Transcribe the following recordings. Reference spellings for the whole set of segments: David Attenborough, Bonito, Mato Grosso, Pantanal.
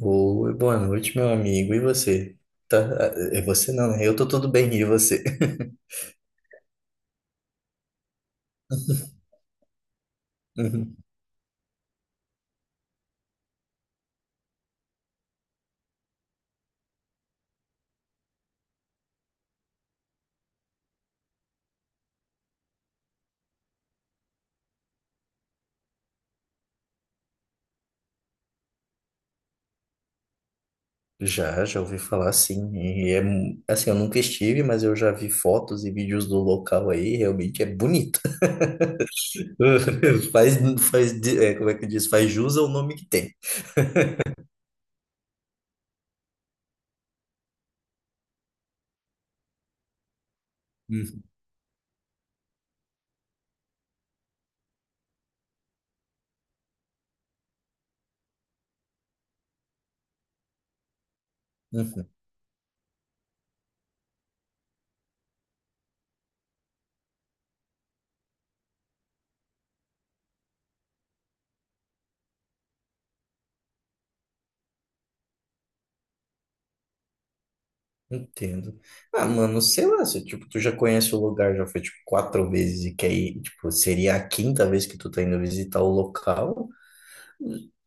Oi, boa noite, meu amigo. E você? Tá, é você não, né? Eu tô tudo bem, e você? Uhum. Já ouvi falar sim. E é assim, eu nunca estive, mas eu já vi fotos e vídeos do local aí, realmente é bonito. Faz, faz, como é que diz? Faz jus ao nome que tem. Uhum. Uhum. Entendo. Ah, mano, sei lá, se, tipo, tu já conhece o lugar, já foi tipo quatro vezes e quer ir, tipo, seria a quinta vez que tu tá indo visitar o local.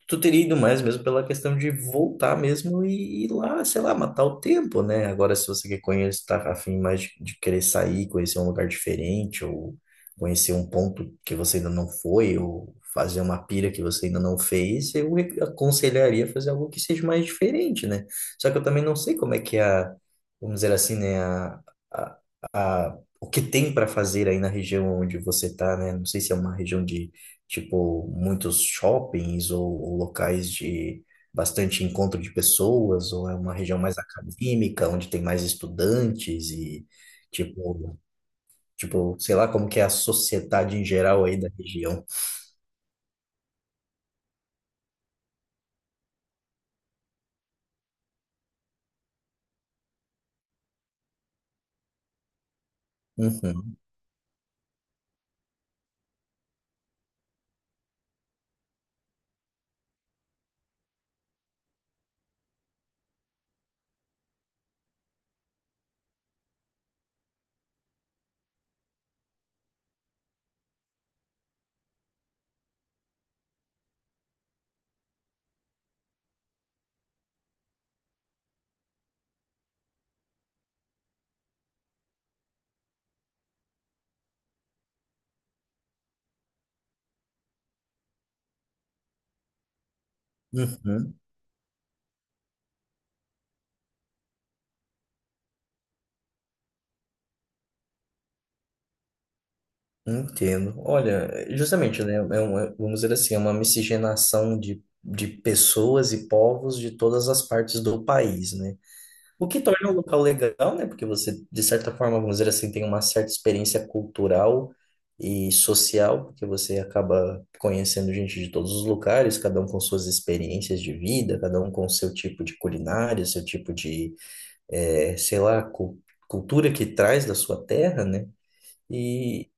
Tu teria ido mais mesmo pela questão de voltar mesmo e ir lá, sei lá, matar o tempo, né? Agora, se você quer conhecer, tá afim mais de querer sair, conhecer um lugar diferente, ou conhecer um ponto que você ainda não foi, ou fazer uma pira que você ainda não fez, aconselharia fazer algo que seja mais diferente, né? Só que eu também não sei como é que é vamos dizer assim, né, a, o que tem para fazer aí na região onde você tá, né? Não sei se é uma região de tipo muitos shoppings ou locais de bastante encontro de pessoas, ou é uma região mais acadêmica, onde tem mais estudantes e tipo, tipo, sei lá como que é a sociedade em geral aí da região. Uhum, uhum, entendo. Olha, justamente, né, vamos dizer assim, é uma miscigenação de pessoas e povos de todas as partes do país, né? O que torna o local legal, né? Porque você, de certa forma, vamos dizer assim, tem uma certa experiência cultural e social, porque você acaba conhecendo gente de todos os lugares, cada um com suas experiências de vida, cada um com seu tipo de culinária, seu tipo de, sei lá, cultura que traz da sua terra, né? E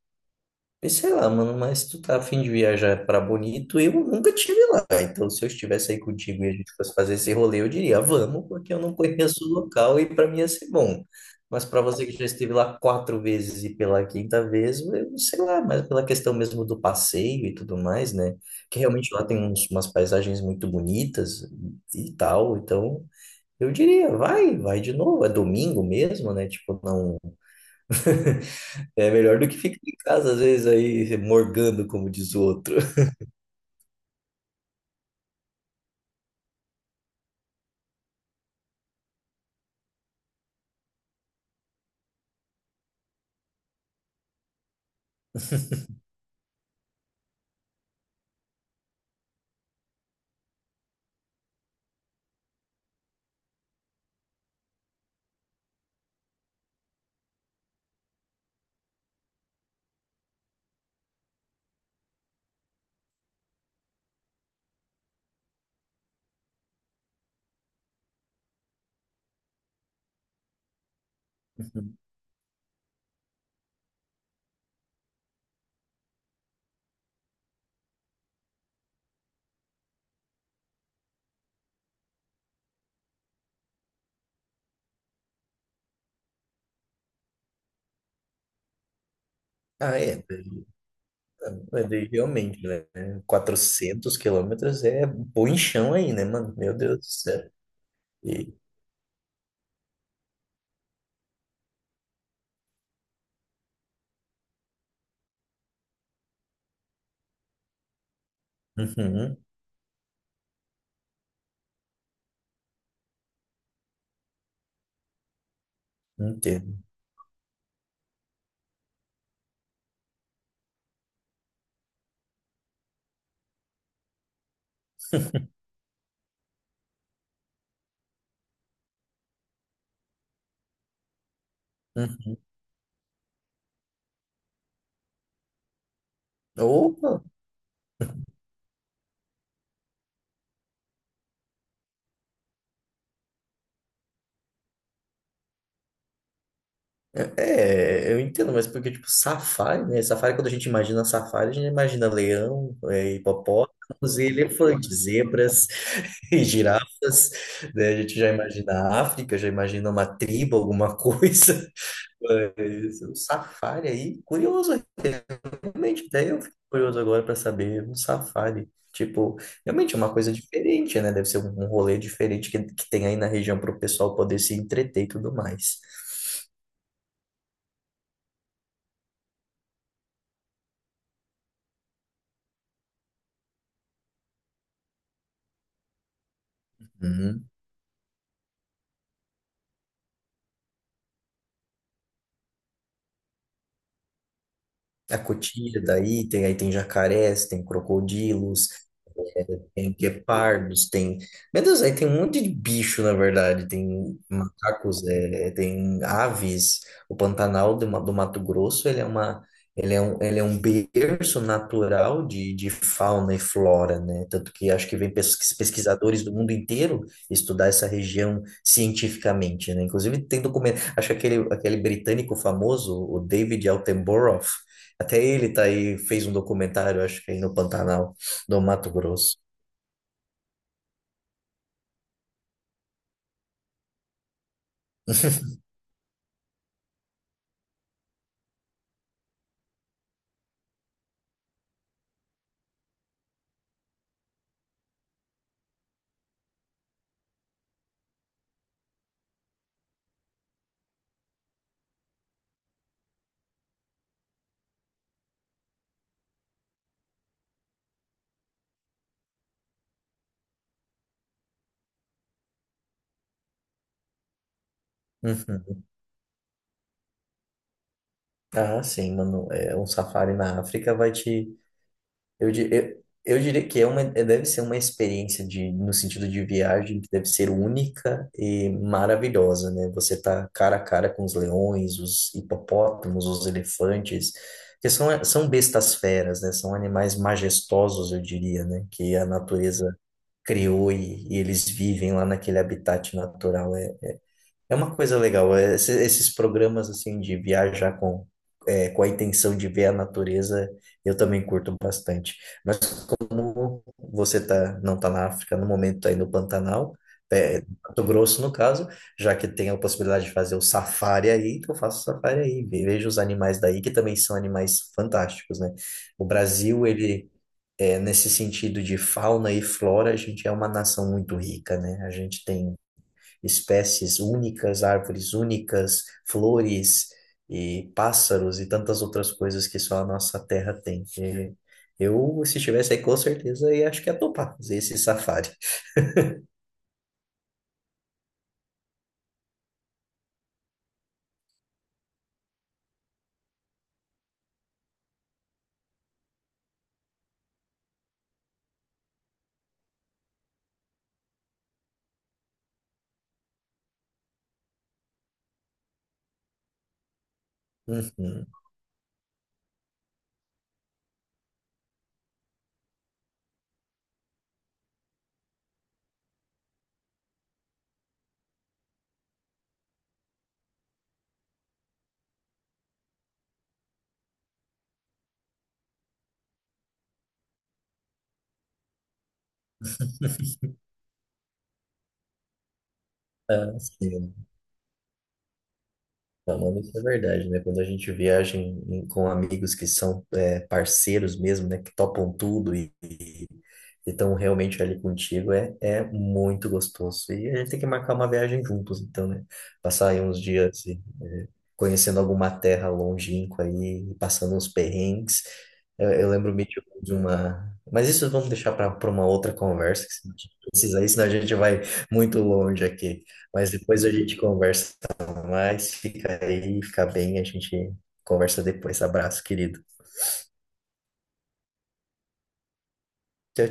e sei lá, mano, mas tu tá a fim de viajar pra Bonito, eu nunca tive lá. Então, se eu estivesse aí contigo e a gente fosse fazer esse rolê, eu diria, vamos, porque eu não conheço o local e pra mim ia ser bom. Mas pra você que já esteve lá quatro vezes e pela quinta vez, eu sei lá, mas pela questão mesmo do passeio e tudo mais, né? Que realmente lá tem umas paisagens muito bonitas e tal, então eu diria, vai de novo, é domingo mesmo, né? Tipo, não. É melhor do que ficar em casa, às vezes, aí morgando, como diz o outro. Uhum. Ah, é. Mas daí, realmente, né? 400 quilômetros é bom em chão aí, né, mano? Meu Deus do céu. E- Uhum, entendo. Uhum. Opa! Eu entendo, mas porque, tipo, safari, né? Safari, quando a gente imagina safari, a gente imagina leão, é, hipopótamos e elefantes, zebras e girafas, né? A gente já imagina a África, já imagina uma tribo, alguma coisa. Mas é um safari aí, curioso, realmente, até eu fico curioso agora para saber, um safari, tipo, realmente é uma coisa diferente, né? Deve ser um rolê diferente que tem aí na região para o pessoal poder se entreter e tudo mais. Hum. A cotia daí tem, aí tem jacarés, tem crocodilos, é, tem guepardos, tem. Meu Deus, aí tem um monte de bicho, na verdade. Tem macacos, é, tem aves. O Pantanal do Mato Grosso, ele é uma, ele é um berço natural de fauna e flora, né? Tanto que acho que vem pesquisadores do mundo inteiro estudar essa região cientificamente, né? Inclusive tem documento, acho que aquele, aquele britânico famoso, o David Attenborough, até ele tá aí, fez um documentário, acho que aí no Pantanal do Mato Grosso. Uhum. Ah, sim, mano. É, um safari na África vai te. Eu diria que é uma, deve ser uma experiência de, no sentido de viagem que deve ser única e maravilhosa, né? Você tá cara a cara com os leões, os hipopótamos, os elefantes, que são, são bestas feras, né? São animais majestosos, eu diria, né? Que a natureza criou e eles vivem lá naquele habitat natural. É uma coisa legal, é, esses programas assim de viajar com, é, com a intenção de ver a natureza, eu também curto bastante. Mas como você tá, não está na África no momento, está aí no Pantanal, é, Mato Grosso no caso, já que tem a possibilidade de fazer o safari aí, então eu faço o safari aí, vejo os animais daí, que também são animais fantásticos, né? O Brasil, ele... É, nesse sentido de fauna e flora, a gente é uma nação muito rica, né? A gente tem espécies únicas, árvores únicas, flores e pássaros e tantas outras coisas que só a nossa terra tem. E eu, se estivesse aí, com certeza, ia, acho que ia topar fazer esse safari. Uhum. Ah, sim. Não, mano, isso é verdade, né? Quando a gente viaja com amigos que são é, parceiros mesmo, né? Que topam tudo e estão realmente ali contigo, é, é muito gostoso. E a gente tem que marcar uma viagem juntos, então, né? Passar aí uns dias assim, é, conhecendo alguma terra longínqua aí, passando uns perrengues. Eu lembro-me de uma... Mas isso vamos deixar para uma outra conversa, que se a gente precisar, aí, senão a gente vai muito longe aqui. Mas depois a gente conversa mas fica aí, fica bem, a gente conversa depois. Abraço, querido. Tchau,